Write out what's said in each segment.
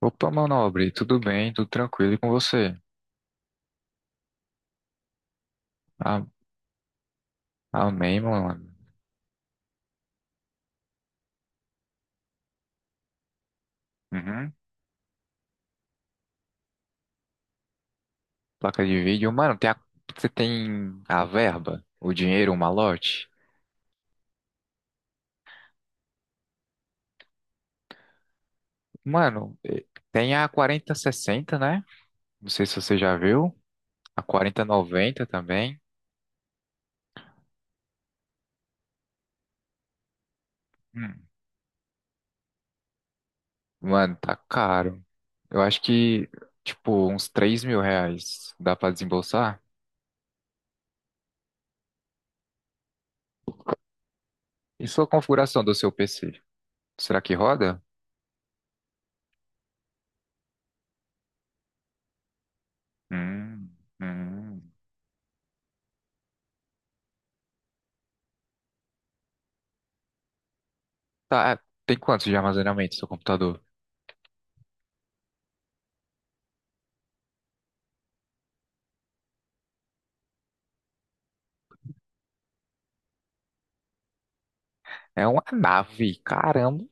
Opa, meu nobre, tudo bem, tudo tranquilo e com você? A- Amém, mano. Uhum. Placa de vídeo. Mano, você tem a verba, o dinheiro, o malote? Mano, tem a 4060, né? Não sei se você já viu. A 4090 também. Hum. Mano, tá caro. Eu acho que, tipo, uns R$ 3.000 dá pra desembolsar. E sua configuração do seu PC? Será que roda? Hum, hum. Tá, tem quantos de armazenamento seu computador? É uma nave, caramba.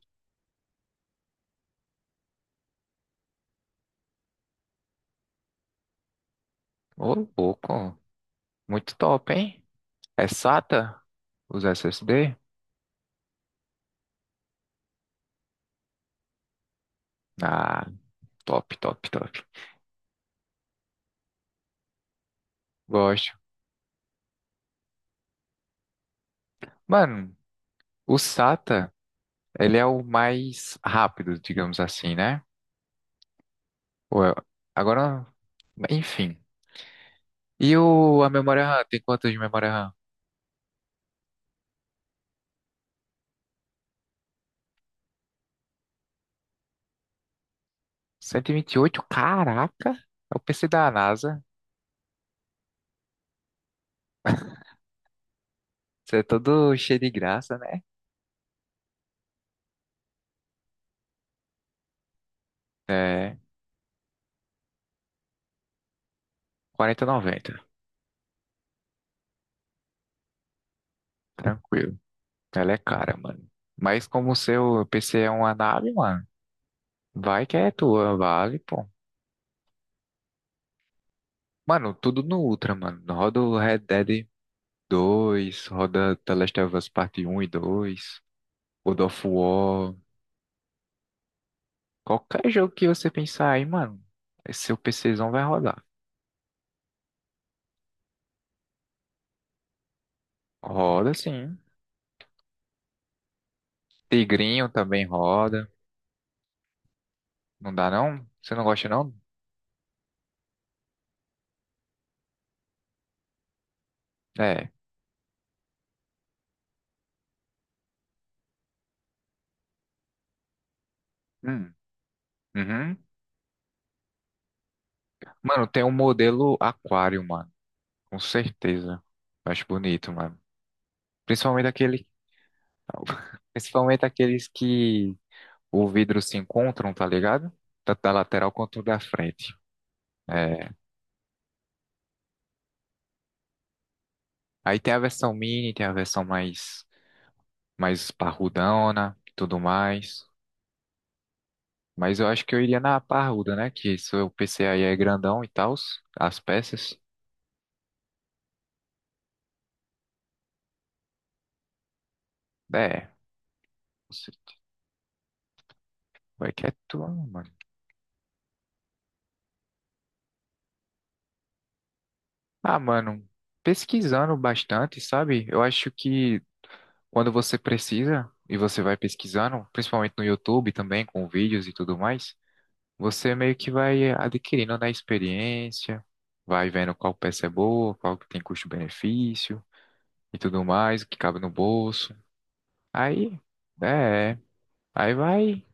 Ô, louco. Muito top, hein? É SATA? Os SSD? Ah, top, top, top. Gosto. Mano, o SATA, ele é o mais rápido, digamos assim, né? Ou é- Agora, enfim. E a memória RAM? Tem quanto de memória RAM? Cento e vinte e oito, caraca! É o PC da NASA. Você é todo cheio de graça, né? É, quarenta e noventa. Tranquilo. Ela é cara, mano. Mas como o seu PC é uma nave, mano, vai que é tua, vale, pô. Mano, tudo no Ultra, mano. Roda o Red Dead 2, roda The Last of Us Parte 1 e 2, God of War. Qualquer jogo que você pensar aí, mano, esse seu PCzão vai rodar. Roda sim. Tigrinho também roda. Não dá não? Você não gosta não? É. Hum. Uhum. Mano, tem um modelo Aquário, mano. Com certeza. Eu acho bonito, mano. Principalmente aquele, principalmente aqueles que o vidro se encontram, tá ligado? Tanto da lateral quanto da frente. É. Aí tem a versão mini, tem a versão mais, mais parrudona, e tudo mais. Mas eu acho que eu iria na parruda, né? Que seu PC aí é grandão e tal, as peças. É, você vai que é tua, mano. Ah, mano, pesquisando bastante, sabe? Eu acho que quando você precisa e você vai pesquisando, principalmente no YouTube também, com vídeos e tudo mais, você meio que vai adquirindo, né, experiência, vai vendo qual peça é boa, qual que tem custo-benefício e tudo mais, o que cabe no bolso. Aí, é, aí vai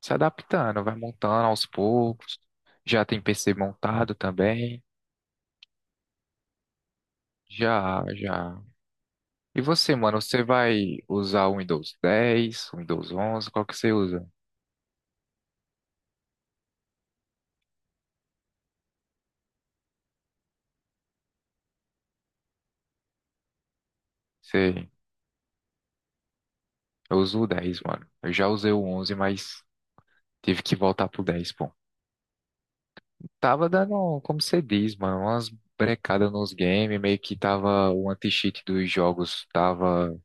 se adaptando, vai montando aos poucos. Já tem PC montado também. Já, já. E você, mano, você vai usar o Windows 10, o Windows 11, qual que você usa? Você Eu uso o 10, mano. Eu já usei o 11, mas tive que voltar pro dez, pô. Tava dando, como você diz, mano, umas brecadas nos games, meio que tava o anti-cheat dos jogos, tava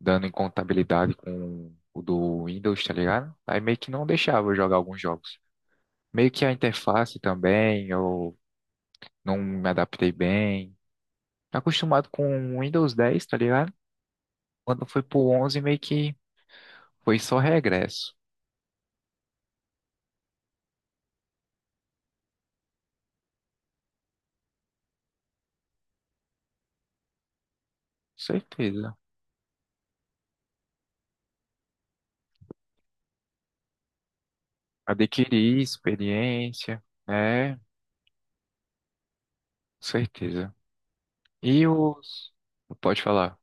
dando incompatibilidade com o do Windows, tá ligado? Aí meio que não deixava eu jogar alguns jogos. Meio que a interface também, eu não me adaptei bem. Acostumado com o Windows dez, tá ligado? Quando foi pro 11, meio que foi só regresso. Com certeza. Adquirir experiência, né? Com certeza. E os. Pode falar.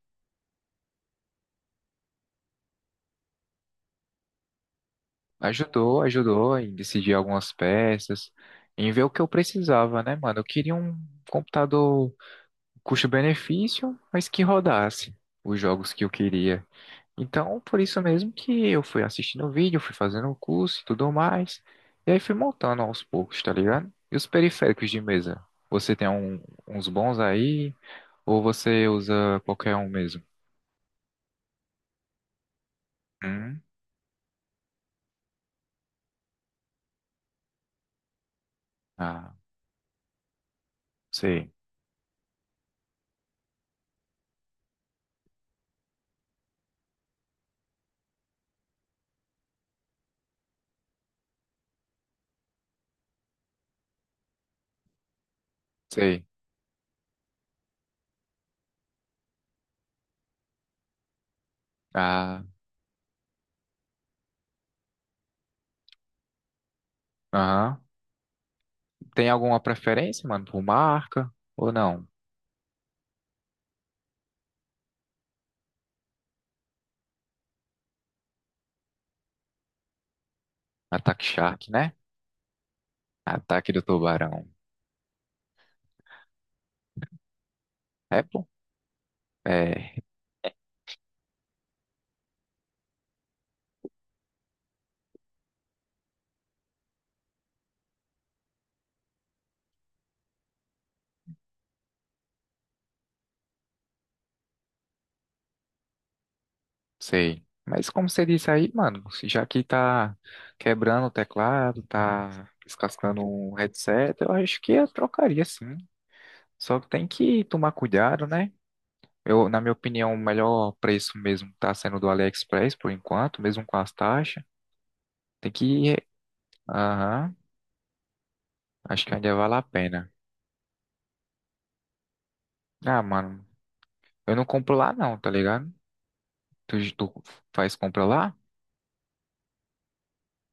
Ajudou, ajudou em decidir algumas peças, em ver o que eu precisava, né, mano? Eu queria um computador custo-benefício, mas que rodasse os jogos que eu queria. Então, por isso mesmo que eu fui assistindo o vídeo, fui fazendo o curso e tudo mais. E aí fui montando aos poucos, tá ligado? E os periféricos de mesa? Você tem uns bons aí? Ou você usa qualquer um mesmo? Hum? Ah, sei, sei. Ah, aham. Tem alguma preferência, mano, por marca ou não? Ataque Shark, né? Ataque do Tubarão. É, pô? É. Sei. Mas como você disse aí, mano, já que tá quebrando o teclado, tá descascando um headset, eu acho que eu trocaria sim. Só que tem que tomar cuidado, né? Eu, na minha opinião, o melhor preço mesmo tá sendo do AliExpress por enquanto, mesmo com as taxas. Tem que. Aham, acho que ainda vale a pena. Ah, mano, eu não compro lá não, tá ligado? Tu faz compra lá?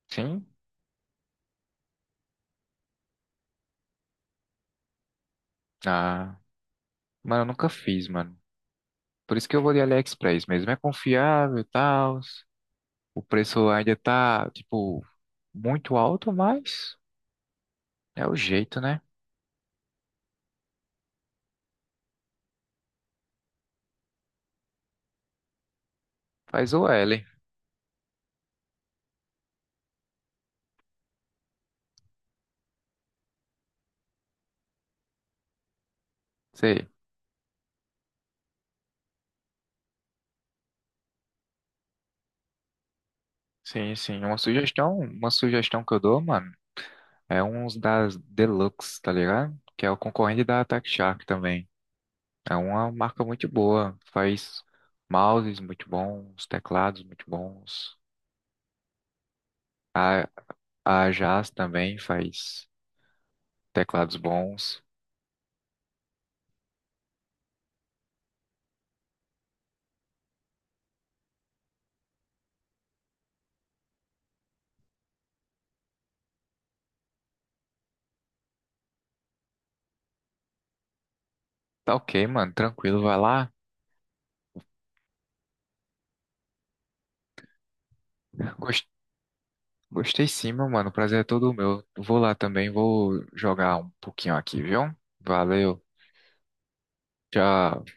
Sim? Ah, mano, eu nunca fiz, mano. Por isso que eu vou de AliExpress mesmo. É confiável e tal. O preço ainda tá, tipo, muito alto, mas é o jeito, né? Faz o L. Sei. Sim, sim. Uma sugestão que eu dou, mano, é uns das Deluxe, tá ligado? Que é o concorrente da Attack Shark também. É uma marca muito boa. Faz mouses muito bons, teclados muito bons. A, a Jazz também faz teclados bons. Tá ok, mano. Tranquilo, vai lá. Gostei Gostei sim, meu mano. O prazer é todo meu. Vou lá também, vou jogar um pouquinho aqui, viu? Valeu. Tchau.